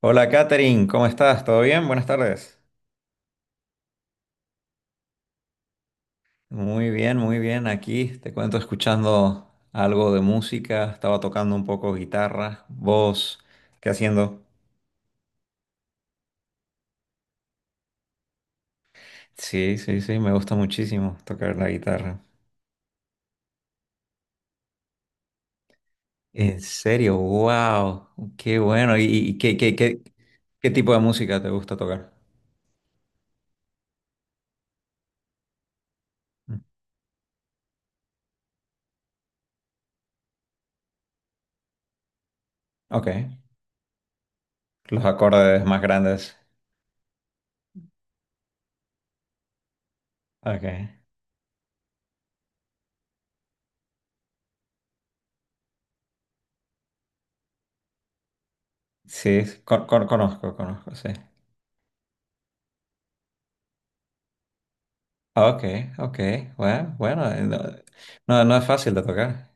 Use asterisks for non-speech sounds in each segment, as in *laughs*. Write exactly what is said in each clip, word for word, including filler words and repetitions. Hola Katherine, ¿cómo estás? ¿Todo bien? Buenas tardes. Muy bien, muy bien. Aquí te cuento escuchando algo de música. Estaba tocando un poco guitarra, voz. ¿Qué haciendo? Sí, sí, sí, me gusta muchísimo tocar la guitarra. En serio, wow, qué bueno. ¿Y, y qué, qué, qué, qué tipo de música te gusta tocar? Ok, los acordes más grandes. Ok, sí, con- con- conozco, conozco, sí. Ok, ok, bueno, bueno, eh, no, no, no es fácil de tocar.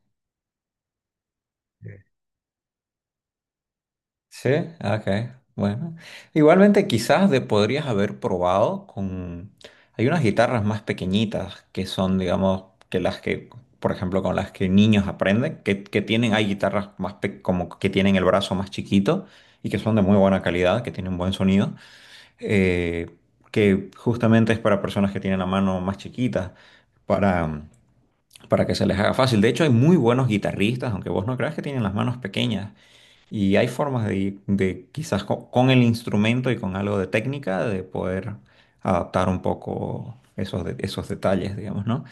Sí, ok, bueno. Igualmente quizás de podrías haber probado con... Hay unas guitarras más pequeñitas que son, digamos, que las que, por ejemplo, con las que niños aprenden, que, que tienen, hay guitarras más pe- como que tienen el brazo más chiquito y que son de muy buena calidad, que tienen buen sonido, eh, que justamente es para personas que tienen la mano más chiquita, para para que se les haga fácil. De hecho, hay muy buenos guitarristas, aunque vos no creas que tienen las manos pequeñas. Y hay formas de, de quizás co- con, el instrumento y con algo de técnica, de poder adaptar un poco esos, de- esos detalles, digamos, ¿no?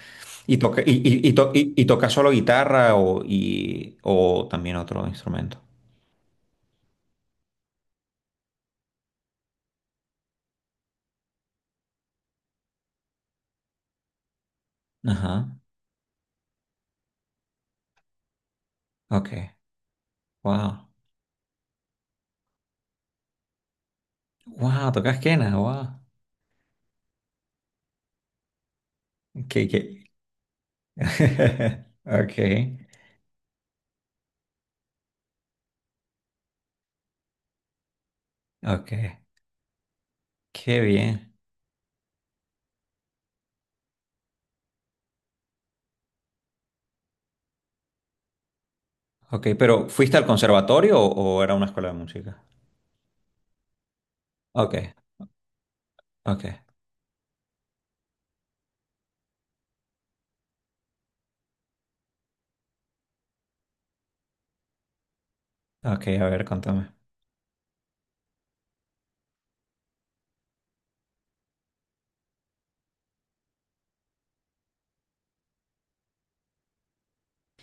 Y toca, y, y, y to- y- y toca solo guitarra o, y, o también otro instrumento. Ajá. Ok. Wow. Wow, tocas quena, wow. Que, que... *laughs* Ok. Ok. Qué bien. Ok, pero ¿fuiste al conservatorio o, o era una escuela de música? Ok, ok, ok, a ver, contame.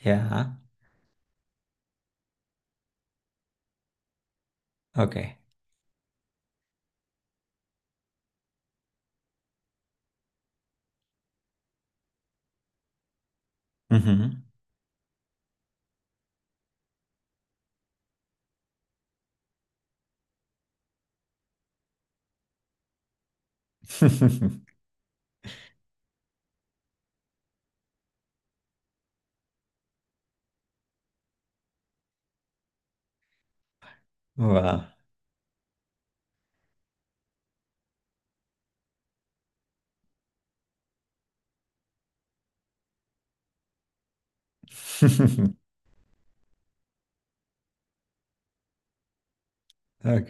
Ya, ok. Ujú. *laughs* Wow. *laughs* Ok.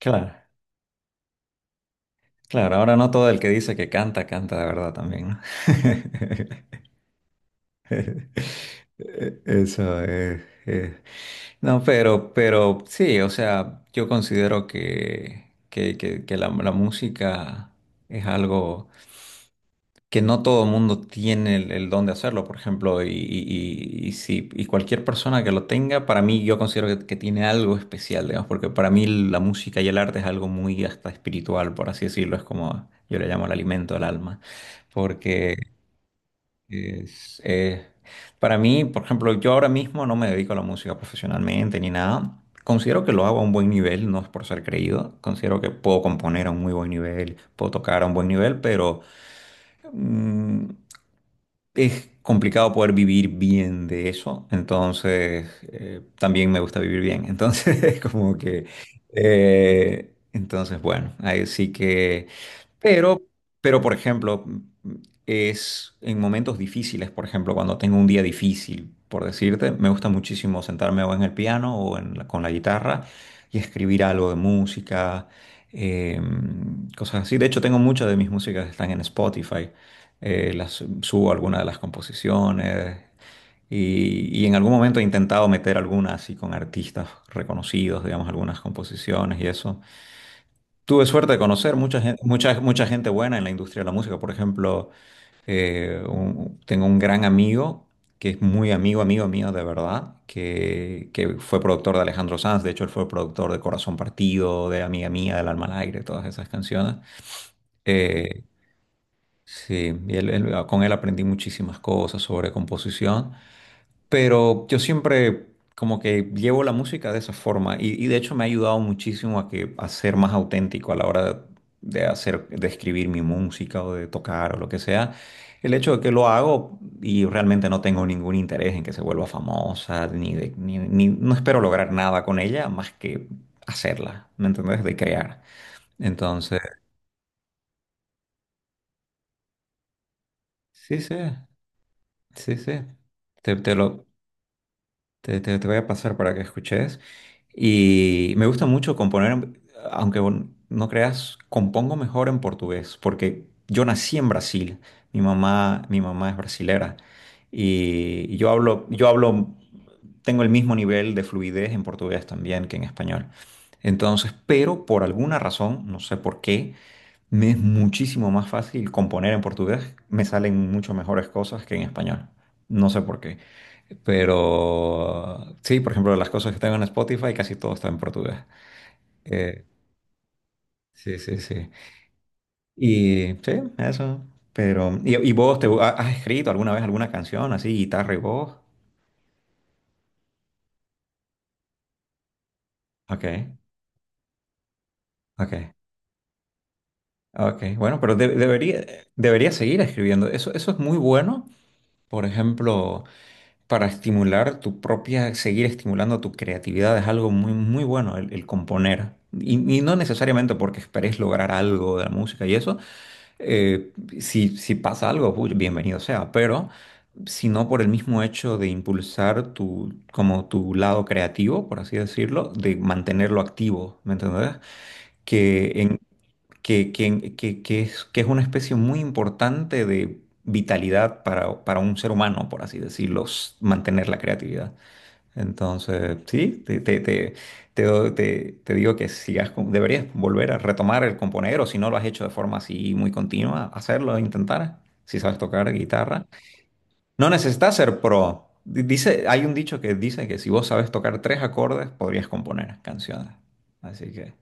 Claro, claro, ahora no todo el que dice que canta, canta de verdad también, ¿no? *laughs* Eh, Eso es, es- No, pero, pero sí, o sea, yo considero que, que, que- que la, la música es algo que no todo el mundo tiene el, el don de hacerlo, por ejemplo, y, y- y- y si, y cualquier persona que lo tenga, para mí yo considero que, que tiene algo especial, digamos, porque para mí la música y el arte es algo muy hasta espiritual, por así decirlo, es como yo le llamo el alimento del alma, porque es, eh, para mí, por ejemplo, yo ahora mismo no me dedico a la música profesionalmente ni nada. Considero que lo hago a un buen nivel, no es por ser creído. Considero que puedo componer a un muy buen nivel, puedo tocar a un buen nivel, pero mm, es complicado poder vivir bien de eso, entonces eh, también me gusta vivir bien, entonces *laughs* es como que, eh, entonces bueno, ahí sí que, pero, pero por ejemplo, es en momentos difíciles, por ejemplo, cuando tengo un día difícil, por decirte, me gusta muchísimo sentarme o en el piano o en la- con la guitarra y escribir algo de música, em, cosas así, de hecho tengo muchas de mis músicas que están en Spotify. Eh, las, subo algunas de las composiciones y, y en algún momento he intentado meter algunas así con artistas reconocidos, digamos, algunas composiciones y eso. Tuve suerte de conocer mucha gente, mucha, mucha gente buena en la industria de la música, por ejemplo, eh, un- tengo un gran amigo que es muy amigo, amigo mío de verdad, que, que fue productor de Alejandro Sanz, de hecho él fue productor de Corazón Partido, de Amiga Mía, del Alma al Aire, todas esas canciones. Eh, Sí, y él- él- con él aprendí muchísimas cosas sobre composición, pero yo siempre como que llevo la música de esa forma y, y de hecho me ha ayudado muchísimo a que a ser más auténtico a la hora de de hacer, de escribir mi música o de tocar o lo que sea. El hecho de que lo hago y realmente no tengo ningún interés en que se vuelva famosa, ni de, ni, ni- no espero lograr nada con ella más que hacerla, ¿me entendés? De crear. Entonces, sí, sí, sí, sí. te te lo, Te, te- Te voy a pasar para que escuches. Y me gusta mucho componer, en- aunque vos no creas, compongo mejor en portugués, porque yo nací en Brasil. Mi mamá, mi mamá es brasilera. Y yo hablo, yo hablo, tengo el mismo nivel de fluidez en portugués también que en español. Entonces, pero por alguna razón, no sé por qué, me es muchísimo más fácil componer en portugués, me salen mucho mejores cosas que en español. No sé por qué. Pero sí, por ejemplo, las cosas que tengo en Spotify casi todo está en portugués. Eh, sí, sí, sí. Y sí, eso. Pero, ¿y, y vos te ha- has escrito alguna vez alguna canción así, guitarra y voz? Ok, ok, ok. Bueno, pero de- debería, debería seguir escribiendo. Eso, eso es muy bueno. Por ejemplo, para estimular tu propia, seguir estimulando tu creatividad es algo muy, muy bueno el, el componer. Y, y no necesariamente porque esperes lograr algo de la música y eso, eh, si, si pasa algo, uy, bienvenido sea, pero sino por el mismo hecho de impulsar tu, como tu lado creativo, por así decirlo, de mantenerlo activo, ¿me entendés? Que, en, que, que, en- que, que es, que es una especie muy importante de vitalidad para, para un ser humano, por así decirlo, s- mantener la creatividad. Entonces, sí, te, te, te, te, doy- te- te digo que sigas, con- deberías volver a retomar el componer, o si no lo has hecho de forma así muy continua, hacerlo, intentar, si sabes tocar guitarra. No necesitas ser pro. Di- Dice, hay un dicho que dice que si vos sabes tocar tres acordes, podrías componer canciones. Así que,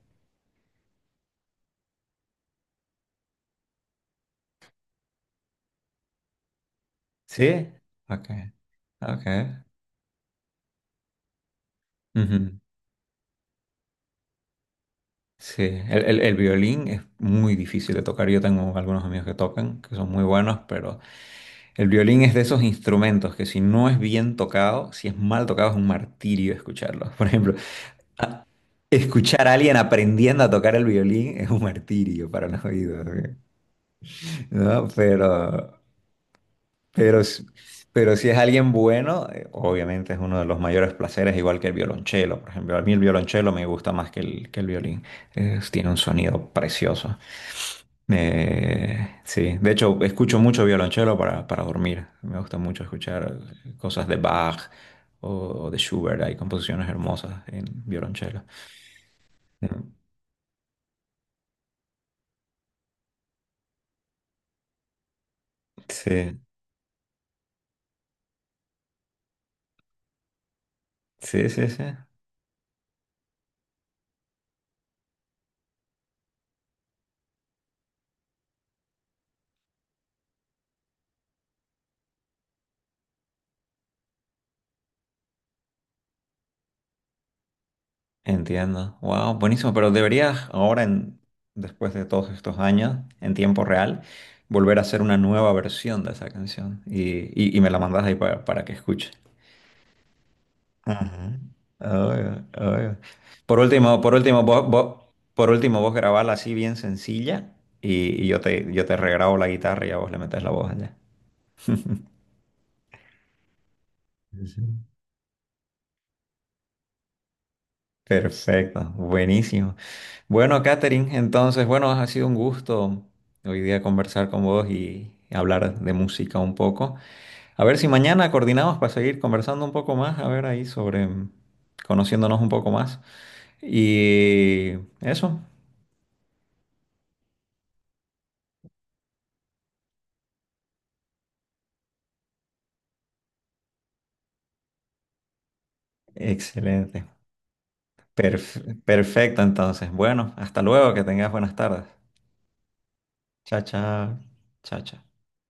sí, ok, ok. Ujú. Sí, el, el- el violín es muy difícil de tocar. Yo tengo algunos amigos que tocan, que son muy buenos, pero... El violín es de esos instrumentos que si no es bien tocado, si es mal tocado es un martirio escucharlo. Por ejemplo, a- escuchar a alguien aprendiendo a tocar el violín es un martirio para los oídos, ¿sí? ¿no? Pero, pero, s- pero si es alguien bueno, eh, obviamente es uno de los mayores placeres, igual que el violonchelo, por ejemplo. A mí el violonchelo me gusta más que el, que el violín. Es- tiene un sonido precioso. Eh, sí, de hecho escucho mucho violonchelo para, para dormir. Me gusta mucho escuchar cosas de Bach o, o de Schubert. Hay composiciones hermosas en violonchelo. Mm, Sí, sí, sí, sí. Entiendo. Wow, buenísimo. Pero deberías ahora, en, después de todos estos años, en tiempo real, volver a hacer una nueva versión de esa canción y, y- y me la mandas ahí pa- para que escuche. Ajá. Obvio, obvio. Por último, por último, vos, vos- por último, vos grabala así bien sencilla y, y yo te, yo te regrabo la guitarra y a vos le metes la voz allá. Ujú. Perfecto, buenísimo. Bueno, Katherine, entonces, bueno, ha sido un gusto hoy día conversar con vos y hablar de música un poco. A ver si mañana coordinamos para seguir conversando un poco más, a ver ahí sobre, mm, conociéndonos un poco más. Y eso, excelente. Perf- perfecto, entonces. Bueno, hasta luego, que tengas buenas tardes. Chao, chao. Chao, chao.